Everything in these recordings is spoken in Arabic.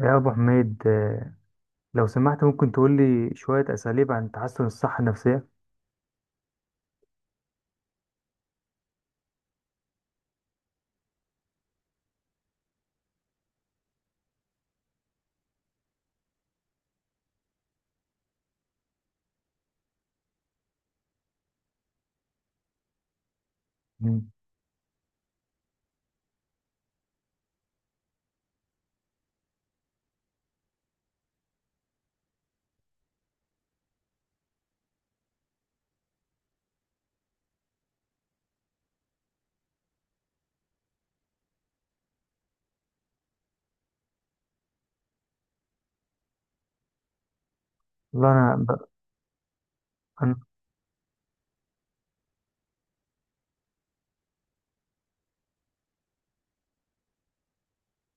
يا أبو حميد، لو سمحت ممكن تقول لي شوية أساليب عن تحسن الصحة النفسية. مم. والله أنا ب... أنا...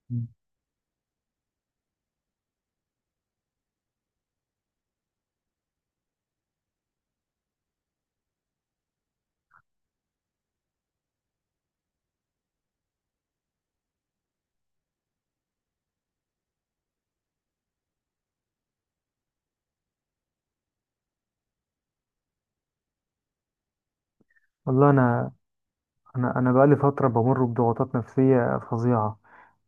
مم. والله أنا بقالي فترة بمر بضغوطات نفسية فظيعة،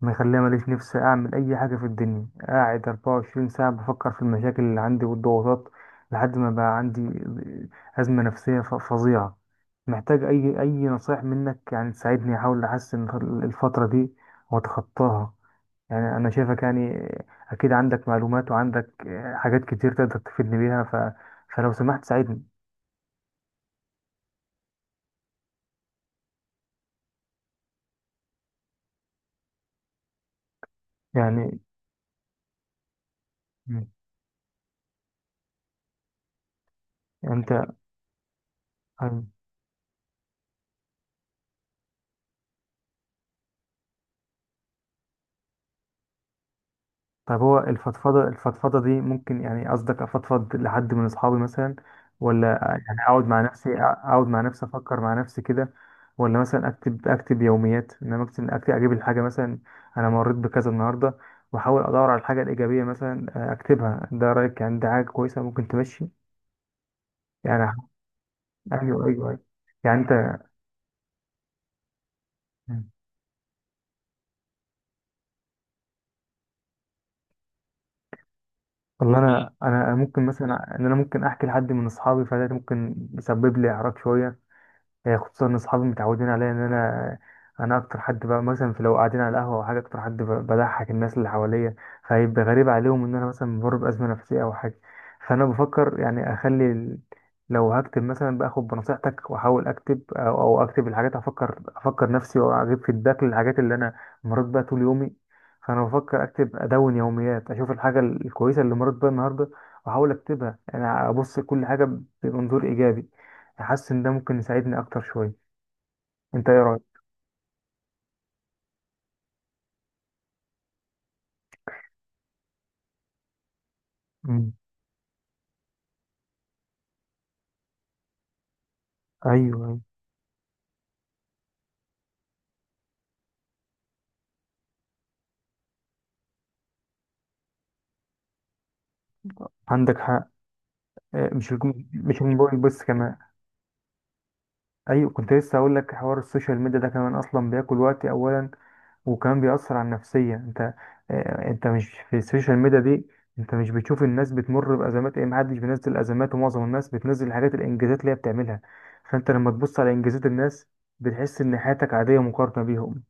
مخليها ماليش نفسي أعمل أي حاجة في الدنيا، قاعد 24 ساعة بفكر في المشاكل اللي عندي والضغوطات، لحد ما بقى عندي أزمة نفسية فظيعة. محتاج أي نصايح منك يعني تساعدني أحاول أحسن الفترة دي وأتخطاها. يعني أنا شايفك، يعني أكيد عندك معلومات وعندك حاجات كتير تقدر تفيدني بيها، فلو سمحت ساعدني، يعني. مم. أنت أيوة. طب هو الفضفضة دي ممكن، يعني قصدك أفضفض لحد من أصحابي مثلا، ولا يعني أقعد مع نفسي، أفكر مع نفسي كده، ولا مثلا أكتب، يوميات؟ إنما أكتب، أجيب الحاجة مثلا: أنا مريت بكذا النهاردة، وأحاول أدور على الحاجة الإيجابية مثلا، أكتبها. ده رأيك؟ يعني ده حاجة كويسة ممكن تمشي، يعني؟ ايوه، ايوه، ايوه. يعني انت، والله انا ممكن مثلا ان انا ممكن احكي لحد من اصحابي، فده ممكن يسبب لي اعراض شويه، خصوصا ان اصحابي متعودين عليا ان انا اكتر حد بقى مثلا، في لو قاعدين على القهوه او حاجه، اكتر حد بضحك الناس اللي حواليا، فهيبقى غريب عليهم ان انا مثلا بمر بازمه نفسيه او حاجه. فانا بفكر يعني اخلي لو هكتب مثلا باخد بنصيحتك واحاول اكتب، او اكتب الحاجات، افكر نفسي واجيب فيدباك للحاجات اللي انا مريت بيها طول يومي. فانا بفكر اكتب ادون يوميات، اشوف الحاجه الكويسه اللي مريت بيها النهارده واحاول اكتبها، انا ابص كل حاجه بمنظور ايجابي. حاسس ان ده ممكن يساعدني اكتر شويه، انت ايه رايك؟ مم. ايوه، ايوه. عندك حق. مش الموبايل بس، كمان ايوه كنت لسه اقول لك: حوار السوشيال ميديا ده كمان اصلا بياكل وقتي اولا، وكمان بيأثر على النفسيه. انت، انت مش في السوشيال ميديا دي، انت مش بتشوف الناس بتمر بازمات، ايه، محدش بينزل ازمات، ومعظم الناس بتنزل الحاجات، الانجازات اللي هي بتعملها. فانت لما تبص على انجازات الناس، بتحس ان حياتك عاديه مقارنه بيهم.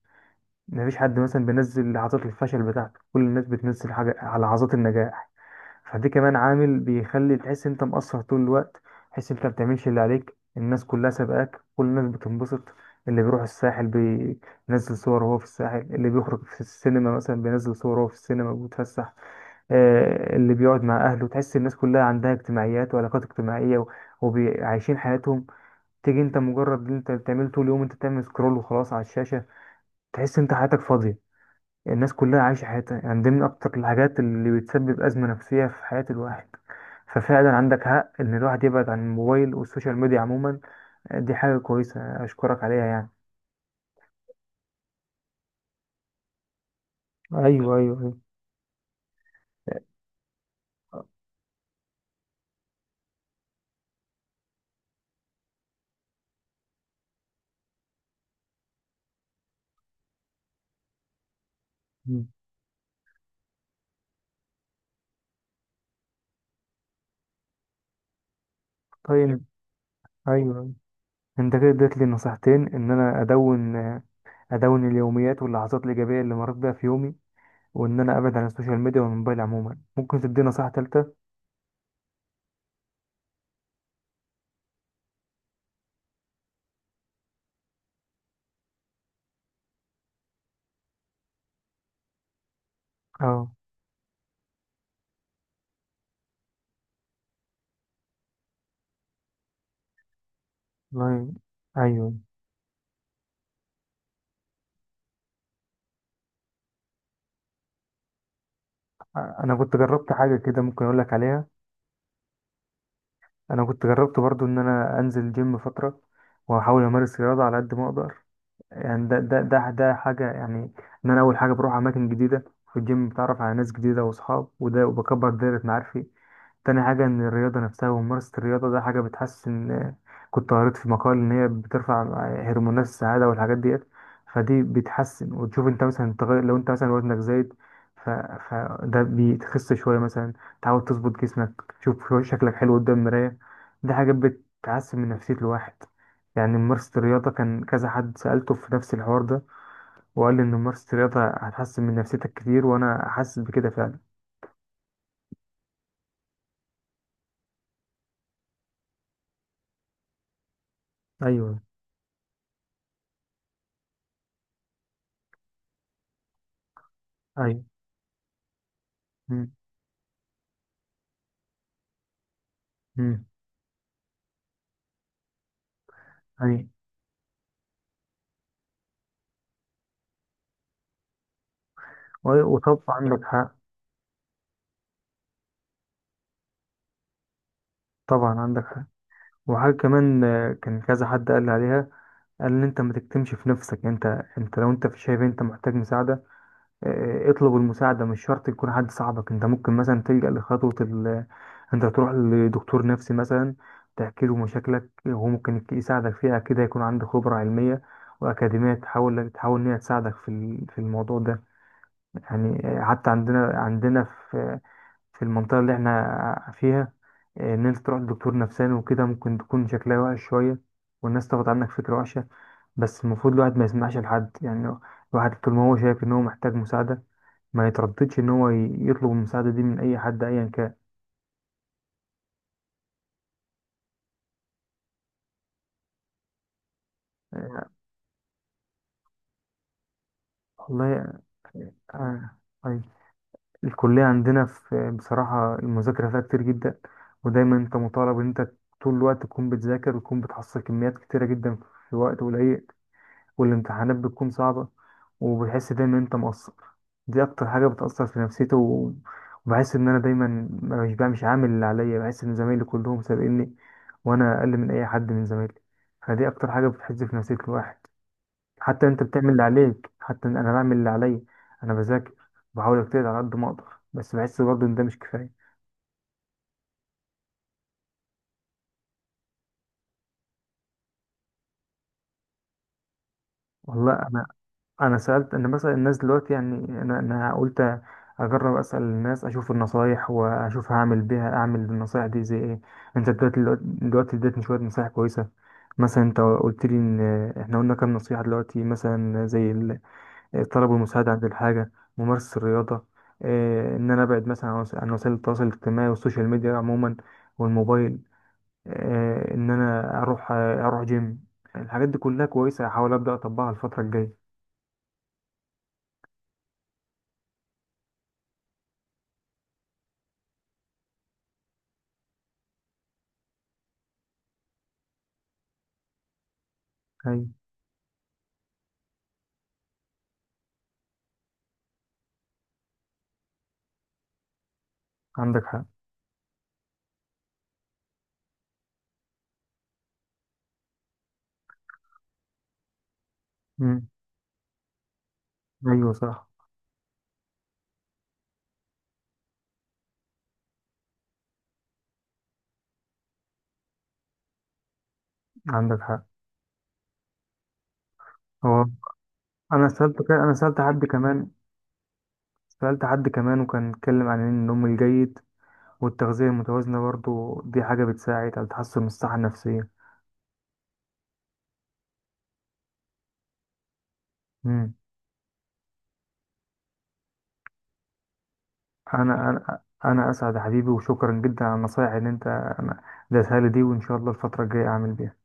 مفيش حد مثلا بينزل لحظات الفشل بتاعته، كل الناس بتنزل حاجة على لحظات النجاح. فدي كمان عامل بيخلي تحس انت مقصر طول الوقت، تحس انت بتعملش اللي عليك، الناس كلها سابقاك، كل الناس بتنبسط، اللي بيروح الساحل بينزل صور وهو في الساحل، اللي بيخرج في السينما مثلا بينزل صور وهو في السينما وبيتفسح، اللي بيقعد مع اهله. تحس الناس كلها عندها اجتماعيات وعلاقات اجتماعية وعايشين حياتهم، تيجي انت مجرد اللي انت بتعمله طول اليوم انت بتعمل سكرول وخلاص على الشاشة، تحس انت حياتك فاضية، الناس كلها عايشة حياتها. يعني دي من أكتر الحاجات اللي بتسبب أزمة نفسية في حياة الواحد. ففعلا عندك حق إن الواحد يبعد عن الموبايل والسوشيال ميديا عموما. دي حاجة كويسة أشكرك عليها، يعني. ايوه، ايوه، ايوه. مم. طيب. ايوه. أيوة. أنت كده اديت لي نصيحتين: إن أنا أدون، اليوميات واللحظات الإيجابية اللي مريت بيها في يومي، وإن أنا أبعد عن السوشيال ميديا والموبايل عموما. ممكن تديني نصيحة تالتة؟ اه. والله. ايوه. أنا كنت جربت حاجة كده ممكن أقول لك عليها. انا كنت جربت برضو ان انا انزل جيم فتره، واحاول امارس رياضه على قد ما اقدر، يعني ده حاجة، يعني: إن أنا أول حاجة بروح أماكن جديدة، في الجيم بتعرف على ناس جديدة وأصحاب وده، وبكبر دايرة معارفي. تاني حاجة إن الرياضة نفسها وممارسة الرياضة ده حاجة بتحسن. كنت قريت في مقال إن هي بترفع هرمونات السعادة والحاجات ديت، فدي بتحسن، وتشوف أنت مثلا تغير لو أنت مثلا وزنك زايد، ف... فده بتخس شوية مثلا، تحاول تظبط جسمك، تشوف شكلك حلو قدام المراية. دي حاجة بتحسن من نفسية الواحد. يعني ممارسة الرياضة، كان كذا حد سألته في نفس الحوار ده وقال لي إن ممارسة الرياضة هتحسن من نفسيتك كتير، وأنا حاسس بكده فعلا. أيوه، أيوه. مم. مم. أيوه. وطبعا عندك حق. طبعا عندك حق. وحاجة كمان، كان كذا حد قال لي عليها، قال إن أنت ما تكتمش في نفسك. أنت، لو أنت في شايف أنت محتاج مساعدة، اطلب المساعدة. مش شرط يكون حد صاحبك، انت ممكن مثلا تلجأ لخطوة انت تروح لدكتور نفسي مثلا، تحكي له مشاكلك وهو ممكن يساعدك فيها كده، يكون عنده خبرة علمية وأكاديمية، تحاول إن هي تساعدك في في الموضوع ده. يعني، حتى عندنا في في المنطقة اللي احنا فيها، إن أنت تروح لدكتور نفساني وكده ممكن تكون شكلها وحش شوية، والناس تاخد عنك فكرة وحشة. بس المفروض الواحد ما يسمعش لحد، يعني الواحد طول ما هو شايف إن هو محتاج مساعدة ما يترددش ان هو يطلب المساعده دي من اي حد ايا كان. آه، والله، آه. طيب، الكليه عندنا في بصراحه المذاكره فيها كتير جدا، ودايما انت مطالب ان انت طول الوقت تكون بتذاكر وتكون بتحصل كميات كتيره جدا في وقت قليل، والامتحانات بتكون صعبه، وبتحس دايما ان انت مقصر. دي اكتر حاجه بتاثر في نفسيتي، وبحس ان انا دايما مش عامل اللي عليا، بحس ان زمايلي كلهم سابقيني، وانا اقل من اي حد من زمايلي. فدي اكتر حاجه بتحز في نفسيه الواحد. حتى انت بتعمل اللي عليك، حتى انا بعمل اللي عليا. انا بذاكر، بحاول اجتهد على قد ما اقدر، بس بحس برضه ان ده مش كفايه. والله انا سالت، انا مثلا الناس دلوقتي، يعني انا قلت اجرب اسال الناس اشوف النصايح، واشوف هعمل بيها، اعمل بالنصايح دي زي ايه. انت دلوقتي اديتني شويه نصايح كويسه، مثلا انت قلت لي ان احنا قلنا كام نصيحه دلوقتي مثلا، زي طلبوا المساعدة عند الحاجة، ممارسة الرياضة، إن أنا أبعد مثلا عن عن وسائل التواصل الاجتماعي والسوشيال ميديا عموما والموبايل، إن أنا أروح، أروح جيم. الحاجات دي كلها كويسة، هحاول أبدأ أطبقها الفترة الجاية. أيوة. عندك حق. مم. أيوة صح. عندك حق. هو أنا سألت أنا سألت حد كمان، وكان اتكلم عن إن النوم الجيد والتغذية المتوازنة برضو دي حاجة بتساعد على تحسن الصحة النفسية. مم. انا اسعد يا حبيبي، وشكرا جدا على النصايح اللي انت ديتها لي دي، وان شاء الله الفتره الجايه اعمل بيها.